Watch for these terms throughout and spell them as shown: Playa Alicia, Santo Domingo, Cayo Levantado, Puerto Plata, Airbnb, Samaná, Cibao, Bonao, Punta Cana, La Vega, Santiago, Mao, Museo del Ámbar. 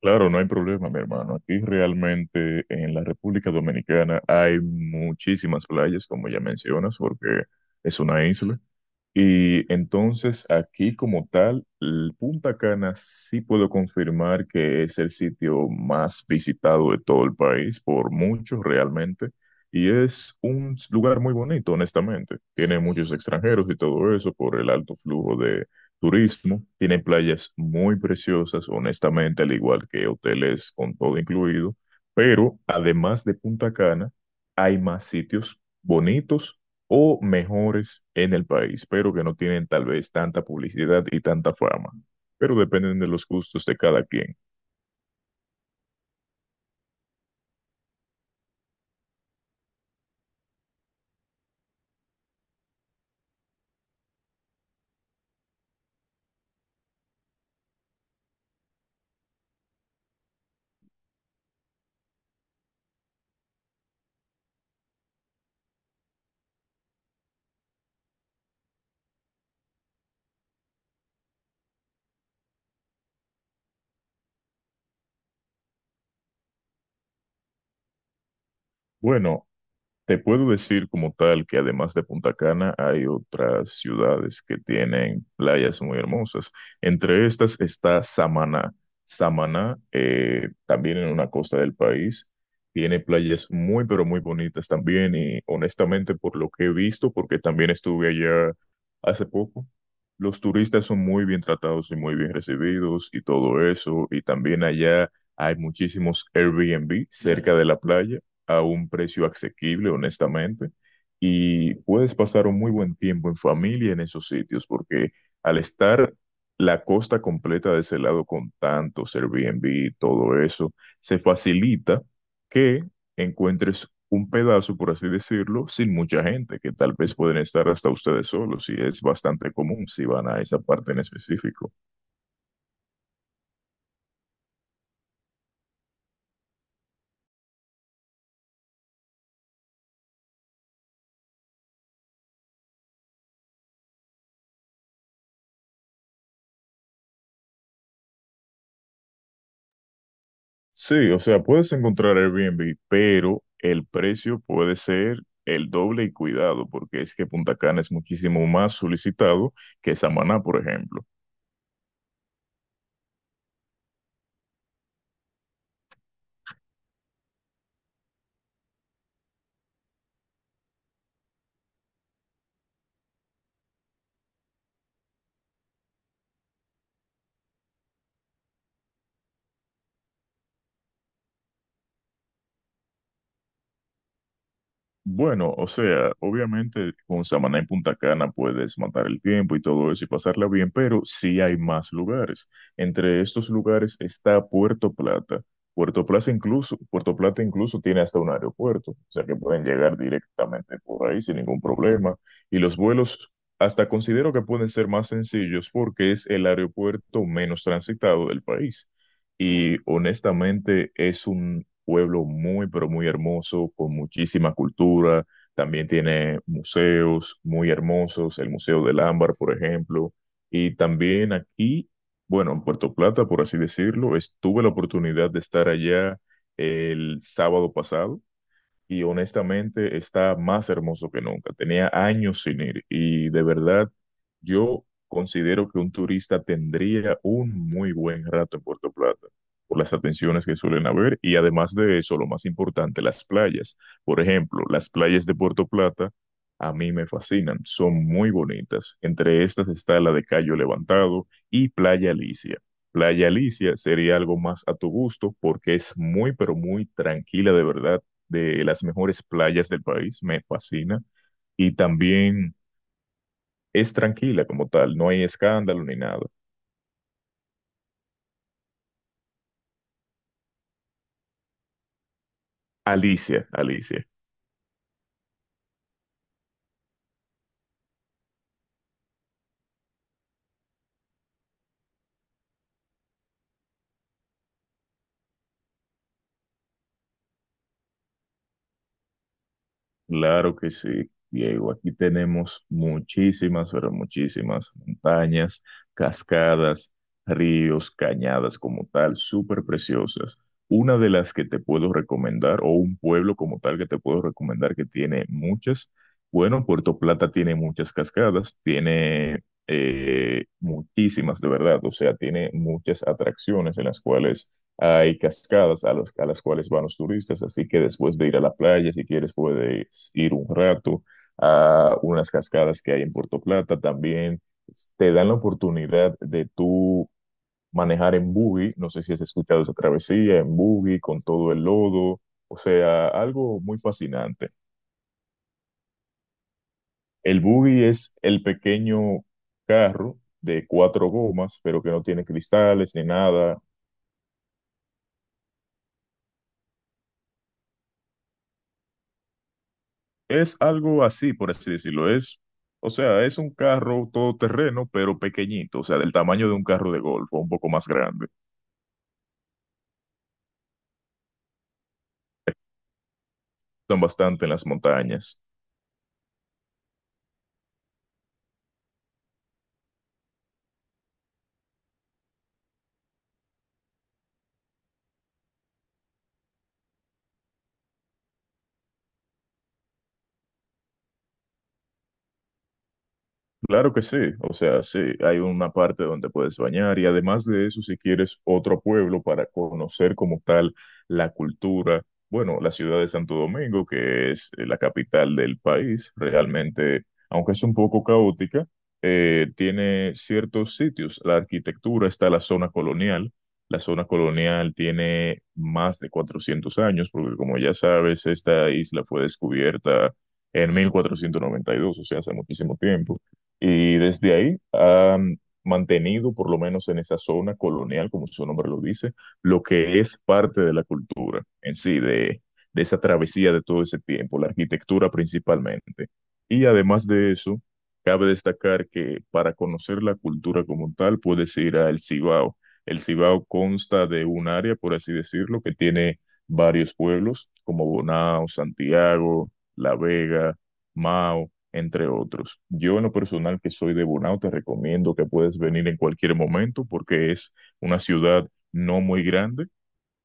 Claro, no hay problema, mi hermano. Aquí realmente en la República Dominicana hay muchísimas playas, como ya mencionas, porque es una isla. Y entonces aquí como tal, el Punta Cana sí puedo confirmar que es el sitio más visitado de todo el país, por muchos realmente, y es un lugar muy bonito, honestamente. Tiene muchos extranjeros y todo eso por el alto flujo de turismo. Tiene playas muy preciosas, honestamente, al igual que hoteles con todo incluido, pero además de Punta Cana, hay más sitios bonitos o mejores en el país, pero que no tienen tal vez tanta publicidad y tanta fama, pero dependen de los gustos de cada quien. Bueno, te puedo decir como tal que además de Punta Cana hay otras ciudades que tienen playas muy hermosas. Entre estas está Samaná. Samaná, también en una costa del país, tiene playas muy pero muy bonitas también y honestamente por lo que he visto, porque también estuve allá hace poco, los turistas son muy bien tratados y muy bien recibidos y todo eso. Y también allá hay muchísimos Airbnb cerca de la playa a un precio asequible, honestamente, y puedes pasar un muy buen tiempo en familia en esos sitios, porque al estar la costa completa de ese lado con tantos Airbnb y todo eso, se facilita que encuentres un pedazo, por así decirlo, sin mucha gente, que tal vez pueden estar hasta ustedes solos, y es bastante común si van a esa parte en específico. Sí, o sea, puedes encontrar Airbnb, pero el precio puede ser el doble y cuidado, porque es que Punta Cana es muchísimo más solicitado que Samaná, por ejemplo. Bueno, o sea, obviamente con Samaná y Punta Cana puedes matar el tiempo y todo eso y pasarla bien, pero sí hay más lugares. Entre estos lugares está Puerto Plata. Puerto Plata incluso tiene hasta un aeropuerto, o sea que pueden llegar directamente por ahí sin ningún problema. Y los vuelos hasta considero que pueden ser más sencillos porque es el aeropuerto menos transitado del país. Y honestamente es un pueblo muy, pero muy hermoso, con muchísima cultura. También tiene museos muy hermosos, el Museo del Ámbar, por ejemplo. Y también aquí, bueno, en Puerto Plata, por así decirlo, estuve la oportunidad de estar allá el sábado pasado y honestamente está más hermoso que nunca. Tenía años sin ir y de verdad yo considero que un turista tendría un muy buen rato en Puerto Plata por las atenciones que suelen haber y además de eso, lo más importante, las playas. Por ejemplo, las playas de Puerto Plata a mí me fascinan, son muy bonitas. Entre estas está la de Cayo Levantado y Playa Alicia. Playa Alicia sería algo más a tu gusto porque es muy, pero muy tranquila de verdad, de las mejores playas del país, me fascina. Y también es tranquila como tal, no hay escándalo ni nada. Alicia, Alicia. Claro que sí, Diego. Aquí tenemos muchísimas, pero muchísimas montañas, cascadas, ríos, cañadas como tal, súper preciosas. Una de las que te puedo recomendar, o un pueblo como tal que te puedo recomendar que tiene muchas. Bueno, Puerto Plata tiene muchas cascadas, tiene muchísimas de verdad, o sea, tiene muchas atracciones en las cuales hay cascadas a, a las cuales van los turistas, así que después de ir a la playa, si quieres, puedes ir un rato a unas cascadas que hay en Puerto Plata. También te dan la oportunidad de tú manejar en buggy. No sé si has escuchado esa travesía en buggy con todo el lodo. O sea, algo muy fascinante. El buggy es el pequeño carro de cuatro gomas, pero que no tiene cristales ni nada. Es algo así, por así decirlo. Es, o sea, es un carro todoterreno, pero pequeñito, o sea, del tamaño de un carro de golf, o un poco más grande. Son bastante en las montañas. Claro que sí, o sea, sí, hay una parte donde puedes bañar y además de eso, si quieres otro pueblo para conocer como tal la cultura, bueno, la ciudad de Santo Domingo, que es la capital del país, realmente, aunque es un poco caótica, tiene ciertos sitios. La arquitectura está la zona colonial tiene más de 400 años, porque como ya sabes, esta isla fue descubierta en 1492, o sea, hace muchísimo tiempo. Y desde ahí han mantenido, por lo menos en esa zona colonial, como su nombre lo dice, lo que es parte de la cultura en sí, de esa travesía de todo ese tiempo, la arquitectura principalmente. Y además de eso, cabe destacar que para conocer la cultura como tal, puedes ir al Cibao. El Cibao consta de un área, por así decirlo, que tiene varios pueblos como Bonao, Santiago, La Vega, Mao entre otros. Yo en lo personal que soy de Bonao, te recomiendo que puedes venir en cualquier momento porque es una ciudad no muy grande,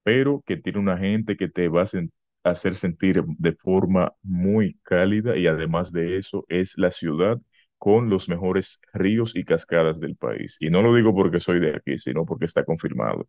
pero que tiene una gente que te va a hacer sentir de forma muy cálida y además de eso es la ciudad con los mejores ríos y cascadas del país. Y no lo digo porque soy de aquí, sino porque está confirmado.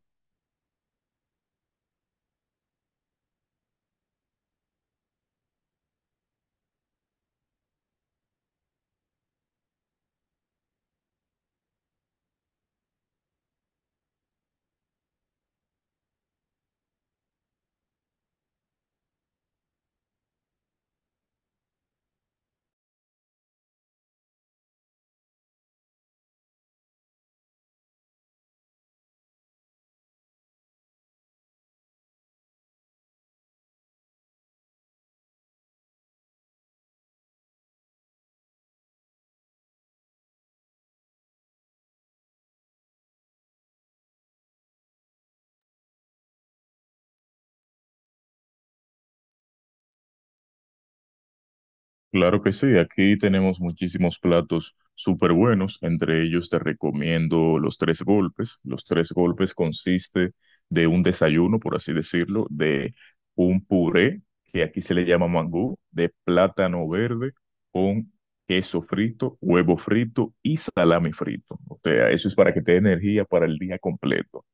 Claro que sí, aquí tenemos muchísimos platos súper buenos, entre ellos te recomiendo los tres golpes. Los tres golpes consiste de un desayuno, por así decirlo, de un puré, que aquí se le llama mangú, de plátano verde con queso frito, huevo frito y salami frito. O sea, eso es para que te dé energía para el día completo.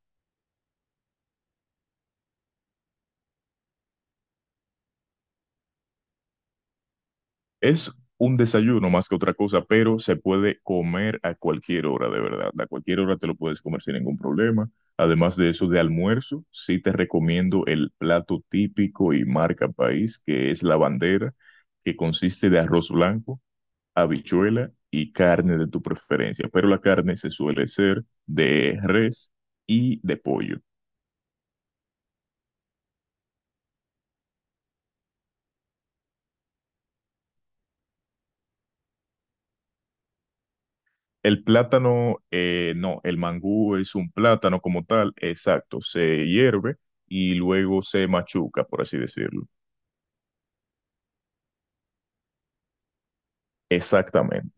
Es un desayuno más que otra cosa, pero se puede comer a cualquier hora, de verdad. A cualquier hora te lo puedes comer sin ningún problema. Además de eso, de almuerzo, sí te recomiendo el plato típico y marca país, que es la bandera, que consiste de arroz blanco, habichuela y carne de tu preferencia. Pero la carne se suele ser de res y de pollo. El plátano, no, el mangú es un plátano como tal, exacto, se hierve y luego se machuca, por así decirlo. Exactamente,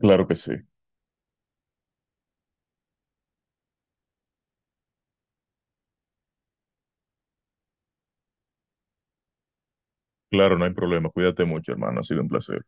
claro que sí, claro, no hay problema, cuídate mucho, hermano, ha sido un placer.